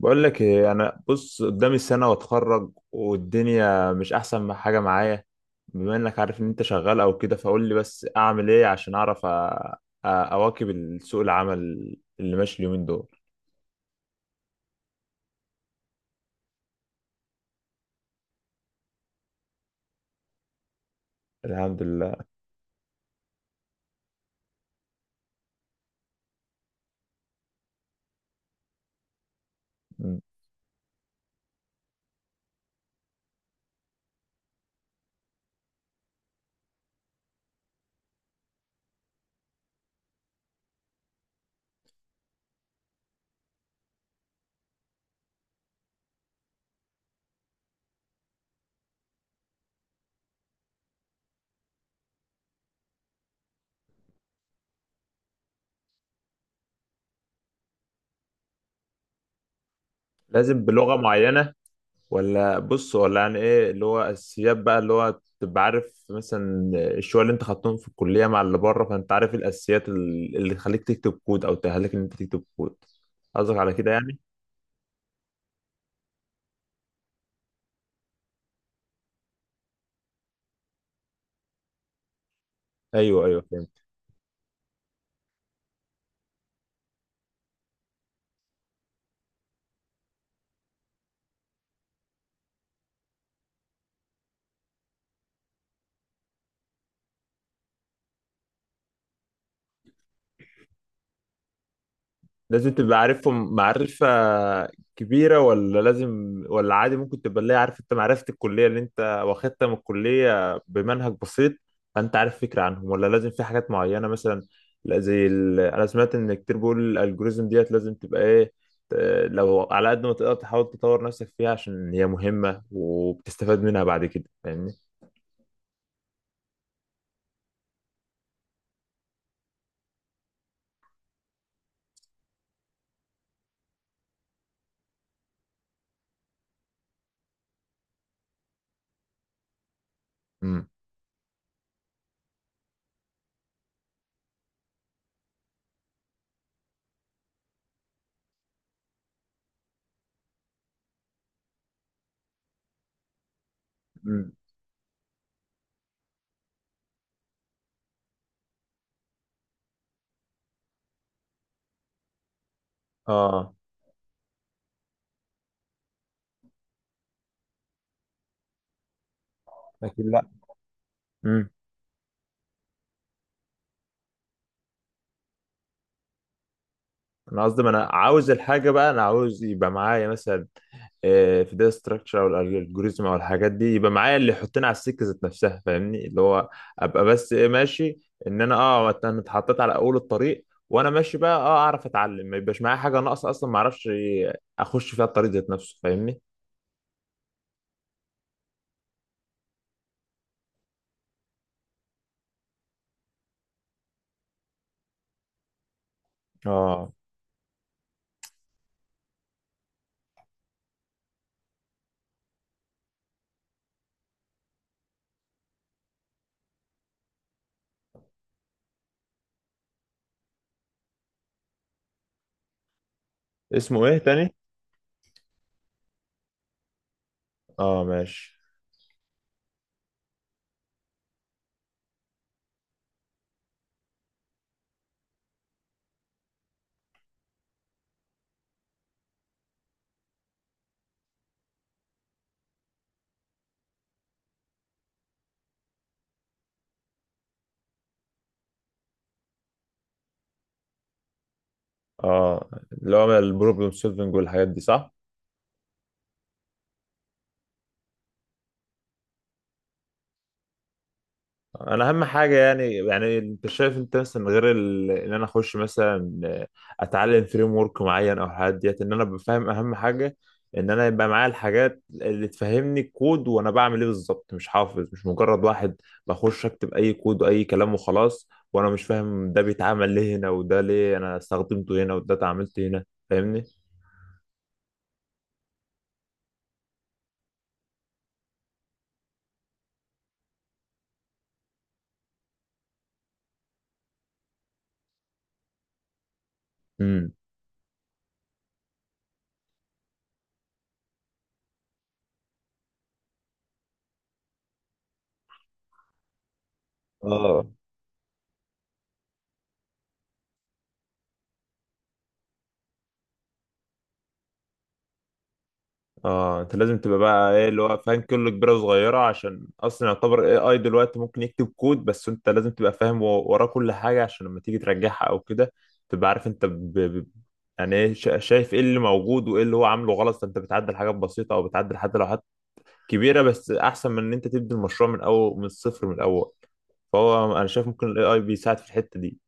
بقول لك ايه؟ انا بص قدامي سنه واتخرج، والدنيا مش احسن ما حاجه معايا. بما انك عارف ان انت شغال او كده، فقول لي بس اعمل ايه عشان اعرف اواكب سوق العمل اللي ماشي اليومين دول. الحمد لله. م. لازم بلغه معينه؟ ولا بص، ولا يعني ايه اللي هو اساسيات بقى، اللي هو تبقى عارف مثلا الشويه اللي انت خدتهم في الكليه مع اللي بره، فانت عارف إيه الاساسيات اللي تخليك تكتب كود او تأهلك ان انت تكتب كود؟ قصدك على كده يعني؟ ايوه ايوه، فهمت. لازم تبقى عارفهم معرفة كبيرة؟ ولا لازم، ولا عادي ممكن تبقى اللي هي عارف انت معرفة الكلية اللي انت واخدتها من الكلية بمنهج بسيط، فانت عارف فكرة عنهم؟ ولا لازم في حاجات معينة مثلا؟ لا، زي ال... انا سمعت ان كتير بيقول الالجوريزم ديت لازم تبقى ايه، ت- لو على قد ما تقدر تحاول تطور نفسك فيها، عشان هي مهمة وبتستفاد منها بعد كده. فاهمني؟ امم. مم. اه. لكن. لا، انا قصدي، ما انا عاوز الحاجه بقى، انا عاوز يبقى معايا مثلا في داتا ستراكشر او الالجوريزم او الحاجات دي، يبقى معايا اللي يحطني على السكه ذات نفسها، فاهمني؟ اللي هو ابقى بس ايه ماشي. ان انا اه انا اتحطيت على اول الطريق، وانا ماشي بقى اه اعرف اتعلم، ما يبقاش معايا حاجه ناقصه اصلا ما اعرفش اخش فيها الطريق ذات نفسه، فاهمني؟ اه. اسمه ايه تاني؟ اه ماشي. اه، اللي هو البروبلم سولفنج والحاجات دي، صح؟ انا اهم حاجه يعني انت شايف انت مثلا غير ان انا اخش مثلا اتعلم فريم ورك معين او حاجات ديت، ان انا بفهم. اهم حاجه ان انا يبقى معايا الحاجات اللي تفهمني الكود، وانا بعمل ايه بالظبط، مش حافظ، مش مجرد واحد بخش اكتب اي كود واي كلام وخلاص، وانا مش فاهم ده بيتعمل ليه هنا، وده ليه انا استخدمته هنا، وده اتعاملت هنا. فاهمني؟ امم. اه. اه، انت لازم تبقى بقى ايه اللي هو فاهم كله، كبيره وصغيره، عشان اصلا يعتبر اي اي دلوقتي ممكن يكتب كود، بس انت لازم تبقى فاهم وراه كل حاجه، عشان لما تيجي ترجعها او كده تبقى عارف انت يعني ايه. شايف ايه اللي موجود وايه اللي هو عامله غلط، فانت بتعدل حاجات بسيطه او بتعدل حتى لو حاجات كبيره، بس احسن من ان انت تبدي المشروع من اول، من الصفر، من الاول. فهو انا شايف ممكن الاي اي بيساعد في الحته دي.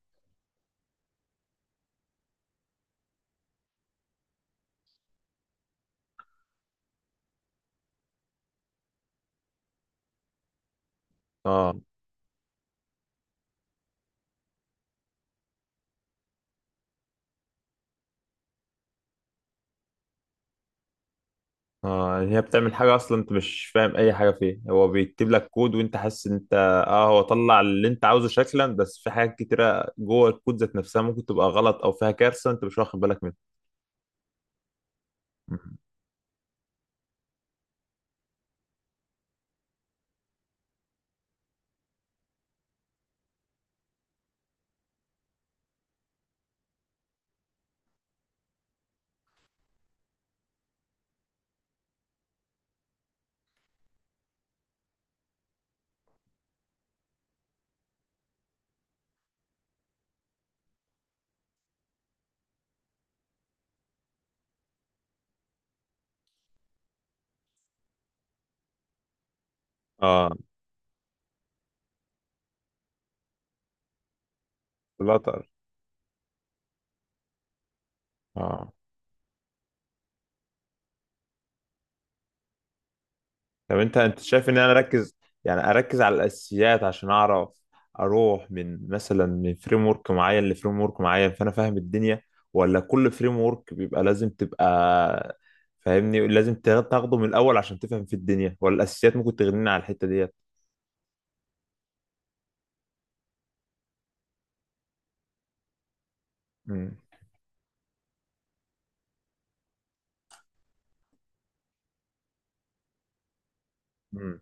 اه. اه يعني هي بتعمل حاجة اصلا انت مش فاهم اي حاجة فيها، هو بيكتب لك كود وانت حاسس ان انت. اه، هو طلع اللي انت عاوزه شكلا، بس في حاجات كتيرة جوه الكود ذات نفسها ممكن تبقى غلط او فيها كارثة انت مش واخد بالك منها. مم. اه. فلاتر. اه. طب انت، انت شايف ان انا اركز يعني اركز على الاساسيات، عشان اعرف اروح من مثلا من فريم ورك معين لفريم ورك معين، فانا فاهم الدنيا؟ ولا كل فريم ورك بيبقى لازم تبقى، فاهمني؟ لازم تاخده من الاول عشان تفهم في الدنيا، ولا الاساسيات ممكن تغنينا على الحتة ديت؟ مم. مم.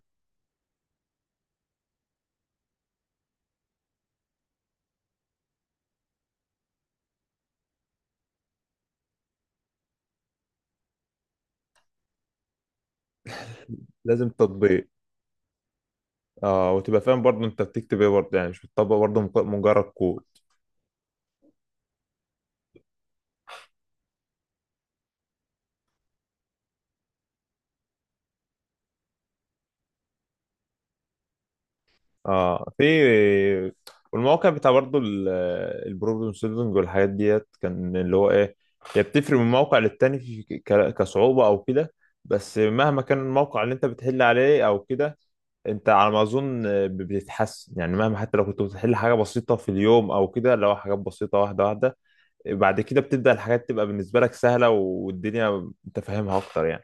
لازم تطبيق. اه، وتبقى فاهم برضه انت بتكتب ايه برضه، يعني مش بتطبق برضه مجرد كود. اه. في. والمواقع بتاع برضه البروبلم سولفنج والحاجات ديت، كان اللي هو ايه، هي بتفرق من موقع للتاني في كصعوبة او كده، بس مهما كان الموقع اللي انت بتحل عليه او كده، انت على ما اظن بتتحسن يعني. مهما، حتى لو كنت بتحل حاجة بسيطة في اليوم او كده، اللي هو حاجات بسيطة، واحدة واحدة، بعد كده بتبدأ الحاجات تبقى بالنسبة لك سهلة، والدنيا انت فاهمها اكتر يعني.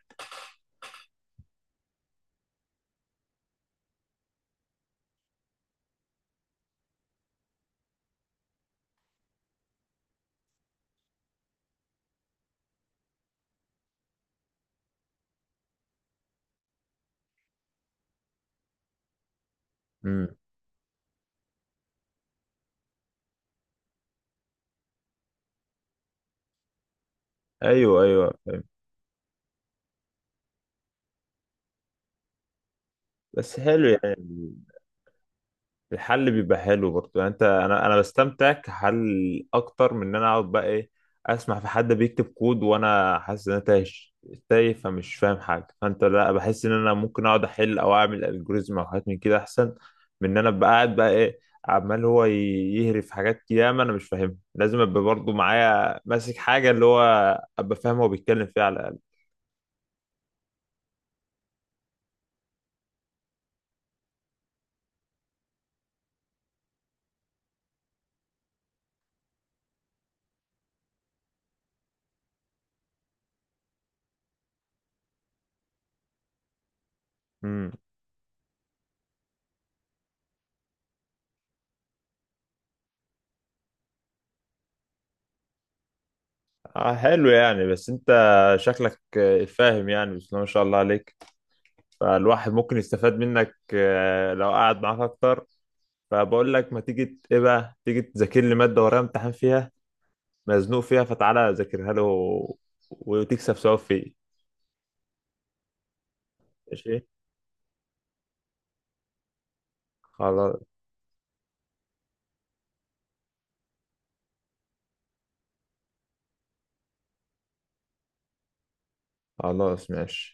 امم. ايوه ايوه، فاهم. بس حلو يعني، الحل بيبقى حلو برضو يعني. انت انا بستمتع كحل اكتر من ان انا اقعد بقى ايه، اسمع في حد بيكتب كود وانا حاسس ان انا تايه، تايه، فمش فاهم حاجه. فانت لا، بحس ان انا ممكن اقعد احل او اعمل الجوريزم او حاجات من كده احسن من ان انا ابقى قاعد بقى ايه، عمال هو يهري في حاجات ياما انا مش فاهمها. لازم ابقى برضو معايا ماسك حاجه، اللي هو ابقى فاهم هو بيتكلم فيها على الاقل. امم. آه حلو يعني. بس انت شكلك فاهم يعني، بس ما شاء الله عليك. فالواحد ممكن يستفاد منك لو قعد معاك اكتر. فبقول لك ما تيجي ايه بقى، تيجي تذاكر لي ماده ورايا امتحان فيها، مزنوق فيها، فتعالى ذاكرها له وتكسب ثواب فيه. ماشي. خلاص. خلاص ماشي.